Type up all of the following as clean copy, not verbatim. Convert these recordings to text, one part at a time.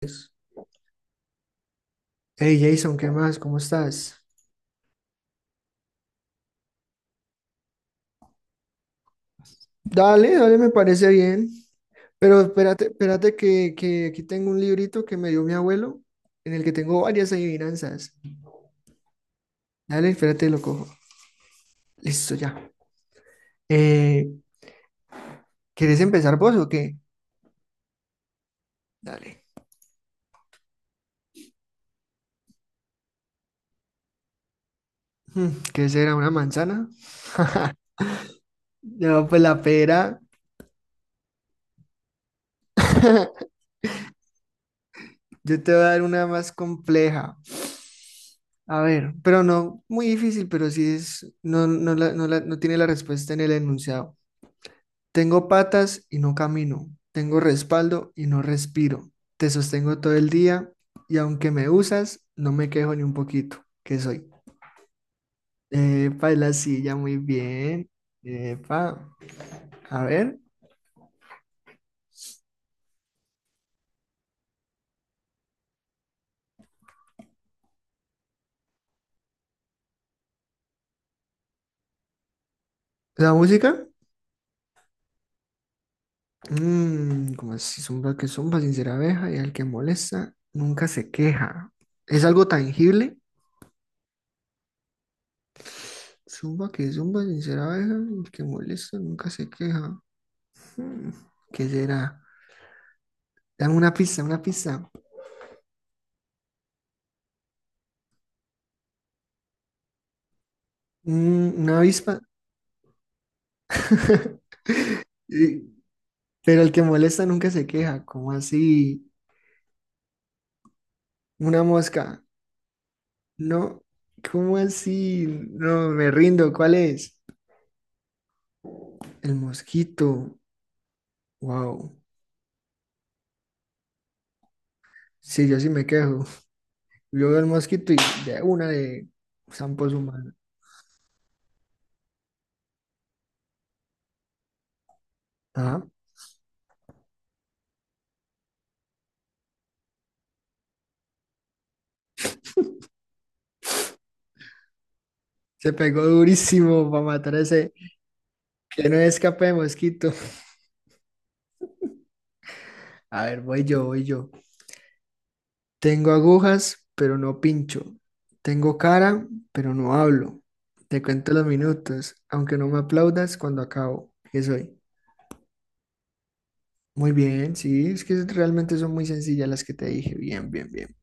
Pues, hey Jason, ¿qué más? ¿Cómo estás? Dale, dale, me parece bien. Pero espérate, espérate que aquí tengo un librito que me dio mi abuelo, en el que tengo varias adivinanzas. Dale, espérate, lo cojo. Listo, ya. Eh, ¿Quieres empezar vos o qué? Dale. Hmm, ¿Qué será? ¿Una manzana? No, pues la pera. Yo te voy a dar una más compleja. A ver, pero no muy difícil, pero sí es, no, no, no tiene la respuesta en el enunciado. Tengo patas y no camino, tengo respaldo y no respiro. Te sostengo todo el día y aunque me usas, no me quejo ni un poquito. ¿Qué soy? Epa, y la silla, muy bien. Epa, a ver, la música. Como así, zumba que zumba, sincera abeja y al que molesta nunca se queja. ¿Es algo tangible? Zumba que zumba, sincera abeja, y al que molesta nunca se queja. Hmm, ¿Qué será? Dame una pista, una pista. Una avispa. Eh, Pero el que molesta nunca se queja. ¿Cómo así? Una mosca. No, ¿cómo así? No, me rindo. ¿Cuál es? El mosquito. Wow. Sí, yo sí me quejo. Yo veo el mosquito y de una de zampo su mano. Ajá. Se pegó durísimo para matar a ese. Que no escape de mosquito. A ver, voy yo, voy yo. Tengo agujas, pero no pincho. Tengo cara, pero no hablo. Te cuento los minutos, aunque no me aplaudas cuando acabo. ¿Qué soy? Muy bien, sí, es que realmente son muy sencillas las que te dije. Bien, bien, bien.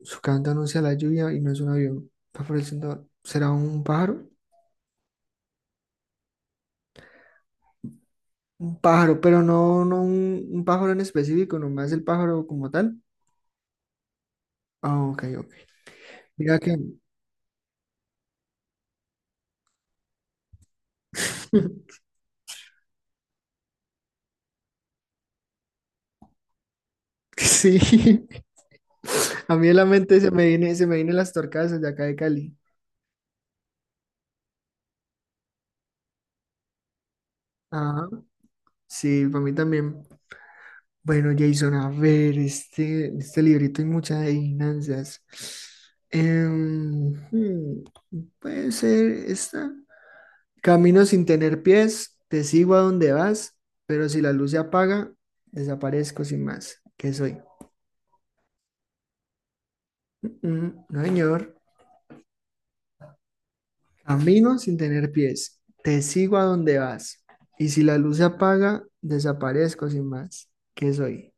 Su canto anuncia la lluvia y no es un avión. Va floreciendo. ¿Será un pájaro? Un pájaro, pero no, no un pájaro en específico, nomás el pájaro como tal. Ah, ok, ok. Mira que... Sí, a mí en la mente se me viene, se me vienen las torcadas de acá de Cali. Ajá, sí, para mí también. Bueno, Jason, a ver, este librito hay muchas adivinanzas. Em, hmm, Puede ser esta. Camino sin tener pies, te sigo a donde vas, pero si la luz se apaga, desaparezco sin más. ¿Qué soy? Mm, mm, no, señor. Camino sin tener pies, te sigo a donde vas, y si la luz se apaga, desaparezco sin más. ¿Qué soy?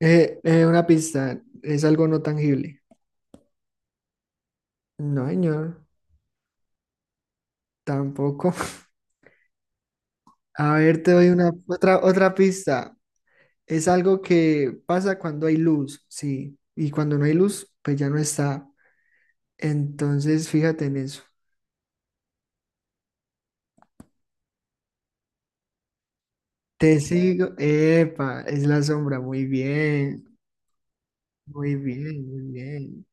Una pista, es algo no tangible. No, señor, tampoco. A ver, te doy una otra pista. Es algo que pasa cuando hay luz, sí. Y cuando no hay luz, pues ya no está. Entonces, fíjate en eso. Te sigo. Epa, es la sombra. Muy bien. Muy bien, muy bien.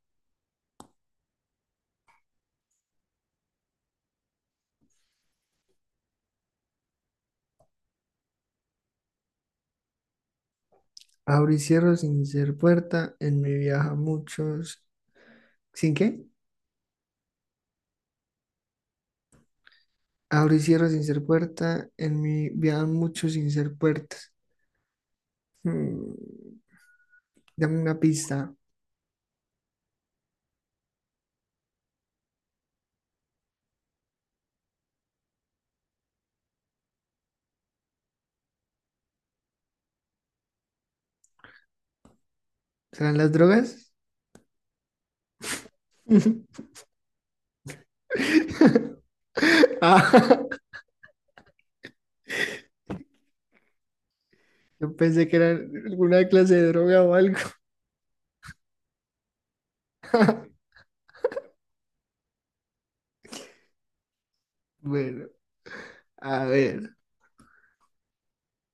Abro y cierro sin ser puerta. En mi viaja muchos. ¿Sin qué? Abro y cierro sin ser puerta. En mi viajan muchos sin ser puertas. Mm, dame una pista. ¿Serán las drogas? Ah, yo pensé que era alguna clase de droga o algo. Bueno, a ver.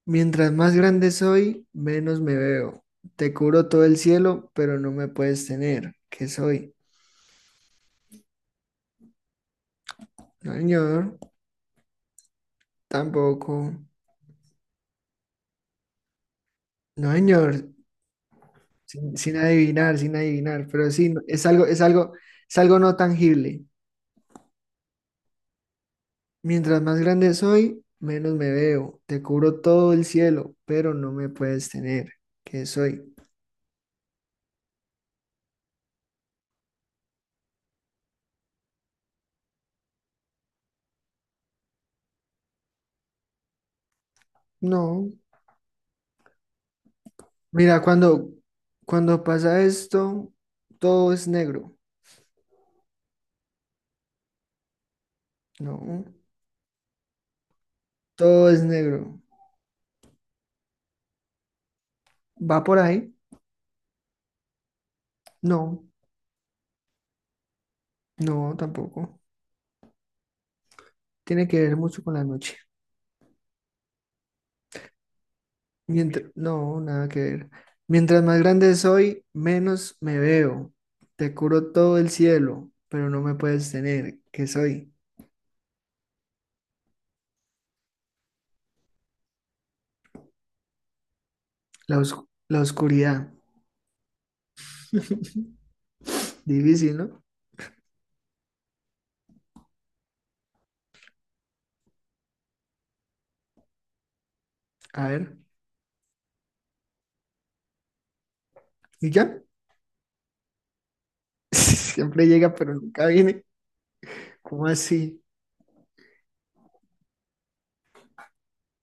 Mientras más grande soy, menos me veo. Te cubro todo el cielo, pero no me puedes tener. ¿Qué soy? No, señor. Tampoco. No, señor. Sin adivinar, sin adivinar. Pero sí, es algo no tangible. Mientras más grande soy, menos me veo. Te cubro todo el cielo, pero no me puedes tener. ¿Qué soy? No. Mira, cuando pasa esto, todo es negro. No. Todo es negro. ¿Va por ahí? No. No, tampoco. Tiene que ver mucho con la noche. Mientras, no, nada que ver. Mientras más grande soy, menos me veo. Te cubro todo el cielo, pero no me puedes tener. ¿Qué soy? La oscuridad. Difícil, ¿no? A ver, ¿y ya? Siempre llega, pero nunca viene. ¿Cómo así?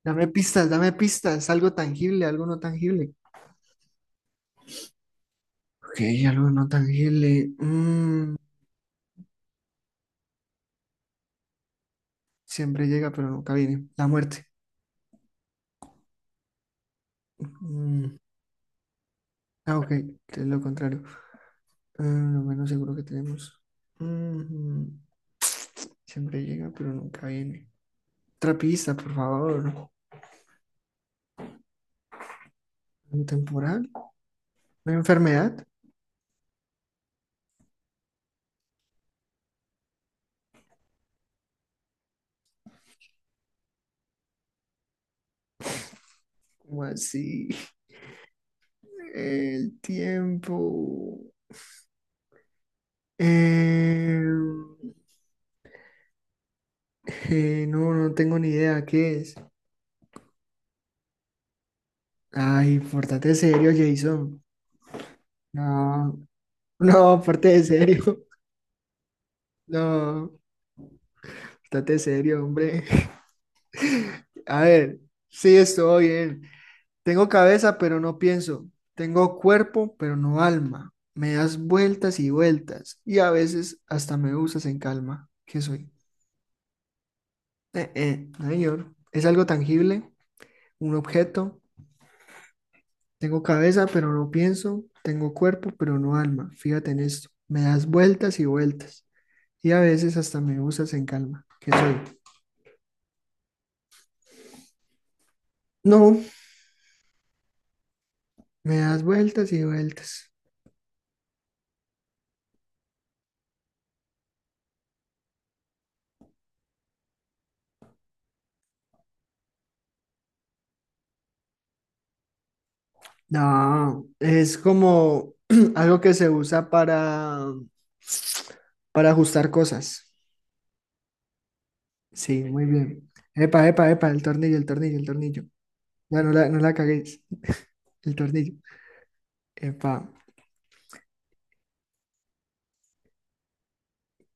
Dame pistas, algo tangible, algo no tangible. Ok, algo no tangible. Siempre llega, pero nunca viene. La muerte. Mm, ah, ok, es lo contrario. Lo menos seguro que tenemos. Mm, siempre llega, pero nunca viene. Otra pista, por favor. ¿Un temporal? ¿Una enfermedad? ¿Cómo así? El tiempo. Eh, no tengo ni idea qué es. Ay, pórtate serio, Jason. No, no, pórtate serio. No, pórtate serio, hombre. A ver, sí, estoy bien. Tengo cabeza, pero no pienso. Tengo cuerpo, pero no alma. Me das vueltas y vueltas. Y a veces hasta me usas en calma. ¿Qué soy? No, señor. ¿Es algo tangible? ¿Un objeto? Tengo cabeza, pero no pienso. Tengo cuerpo, pero no alma. Fíjate en esto. Me das vueltas y vueltas. Y a veces hasta me usas en calma. ¿Qué soy? No, me das vueltas y vueltas. No, es como algo que se usa para ajustar cosas. Sí, muy bien. Epa, epa, epa, el tornillo, el tornillo, el tornillo. Ya no la caguéis. El tornillo. Epa,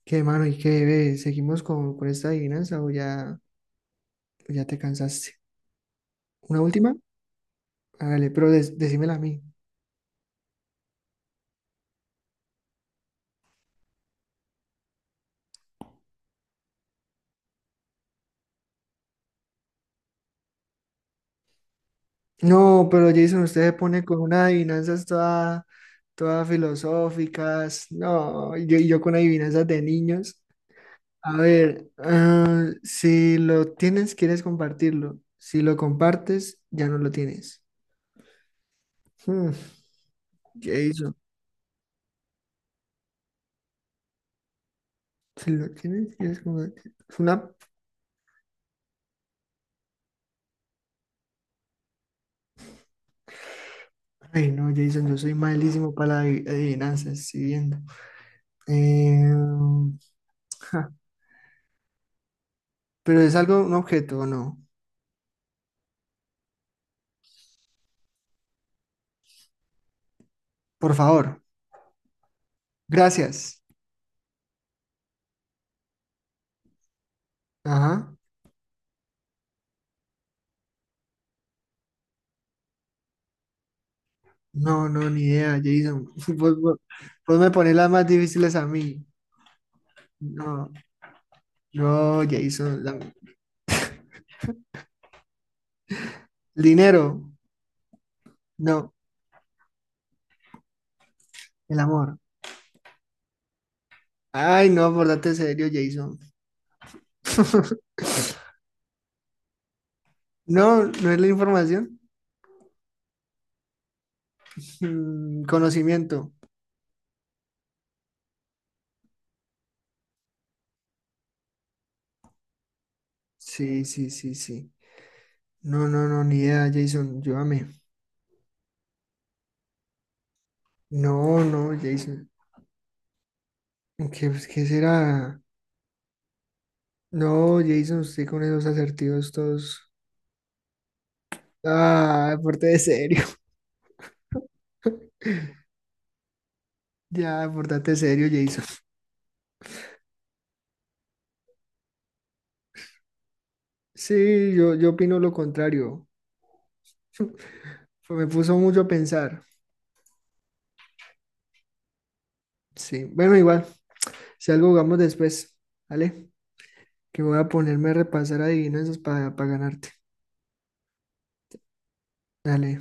qué mano y qué ve. ¿Seguimos con esta adivinanza o ya te cansaste? ¿Una última? Hágale, pero decímela a mí. No, pero Jason, usted se pone con unas adivinanzas todas toda filosóficas. No, y yo con adivinanzas de niños. A ver, ah, si lo tienes, quieres compartirlo. Si lo compartes, ya no lo tienes. Hmm, Jason, si lo tienes, quieres compartirlo. Es una... Ay, no, Jason, yo soy malísimo para las adivinanzas, si viendo. Eh, ja, pero es algo, un objeto, ¿o no? Por favor. Gracias. Ajá. No, no, ni idea, Jason. Vos, vos- vos me pones las más difíciles a mí. No, no, Jason. El dinero. No, el amor. Ay, no, pórtate serio, Jason. No, no es la información. Conocimiento. Sí, sí, sí, sí. No, no, no, ni idea, Jason. Llévame. No, no, Jason. ¿Qué será? No, Jason, usted con esos asertivos todos. Ah, pórtate serio. Ya, portate serio, Jason. Sí, yo opino lo contrario. Me puso mucho a pensar. Sí, bueno, igual, si algo jugamos después, ¿vale? Que voy a ponerme a repasar adivinanzas para ganarte. Dale.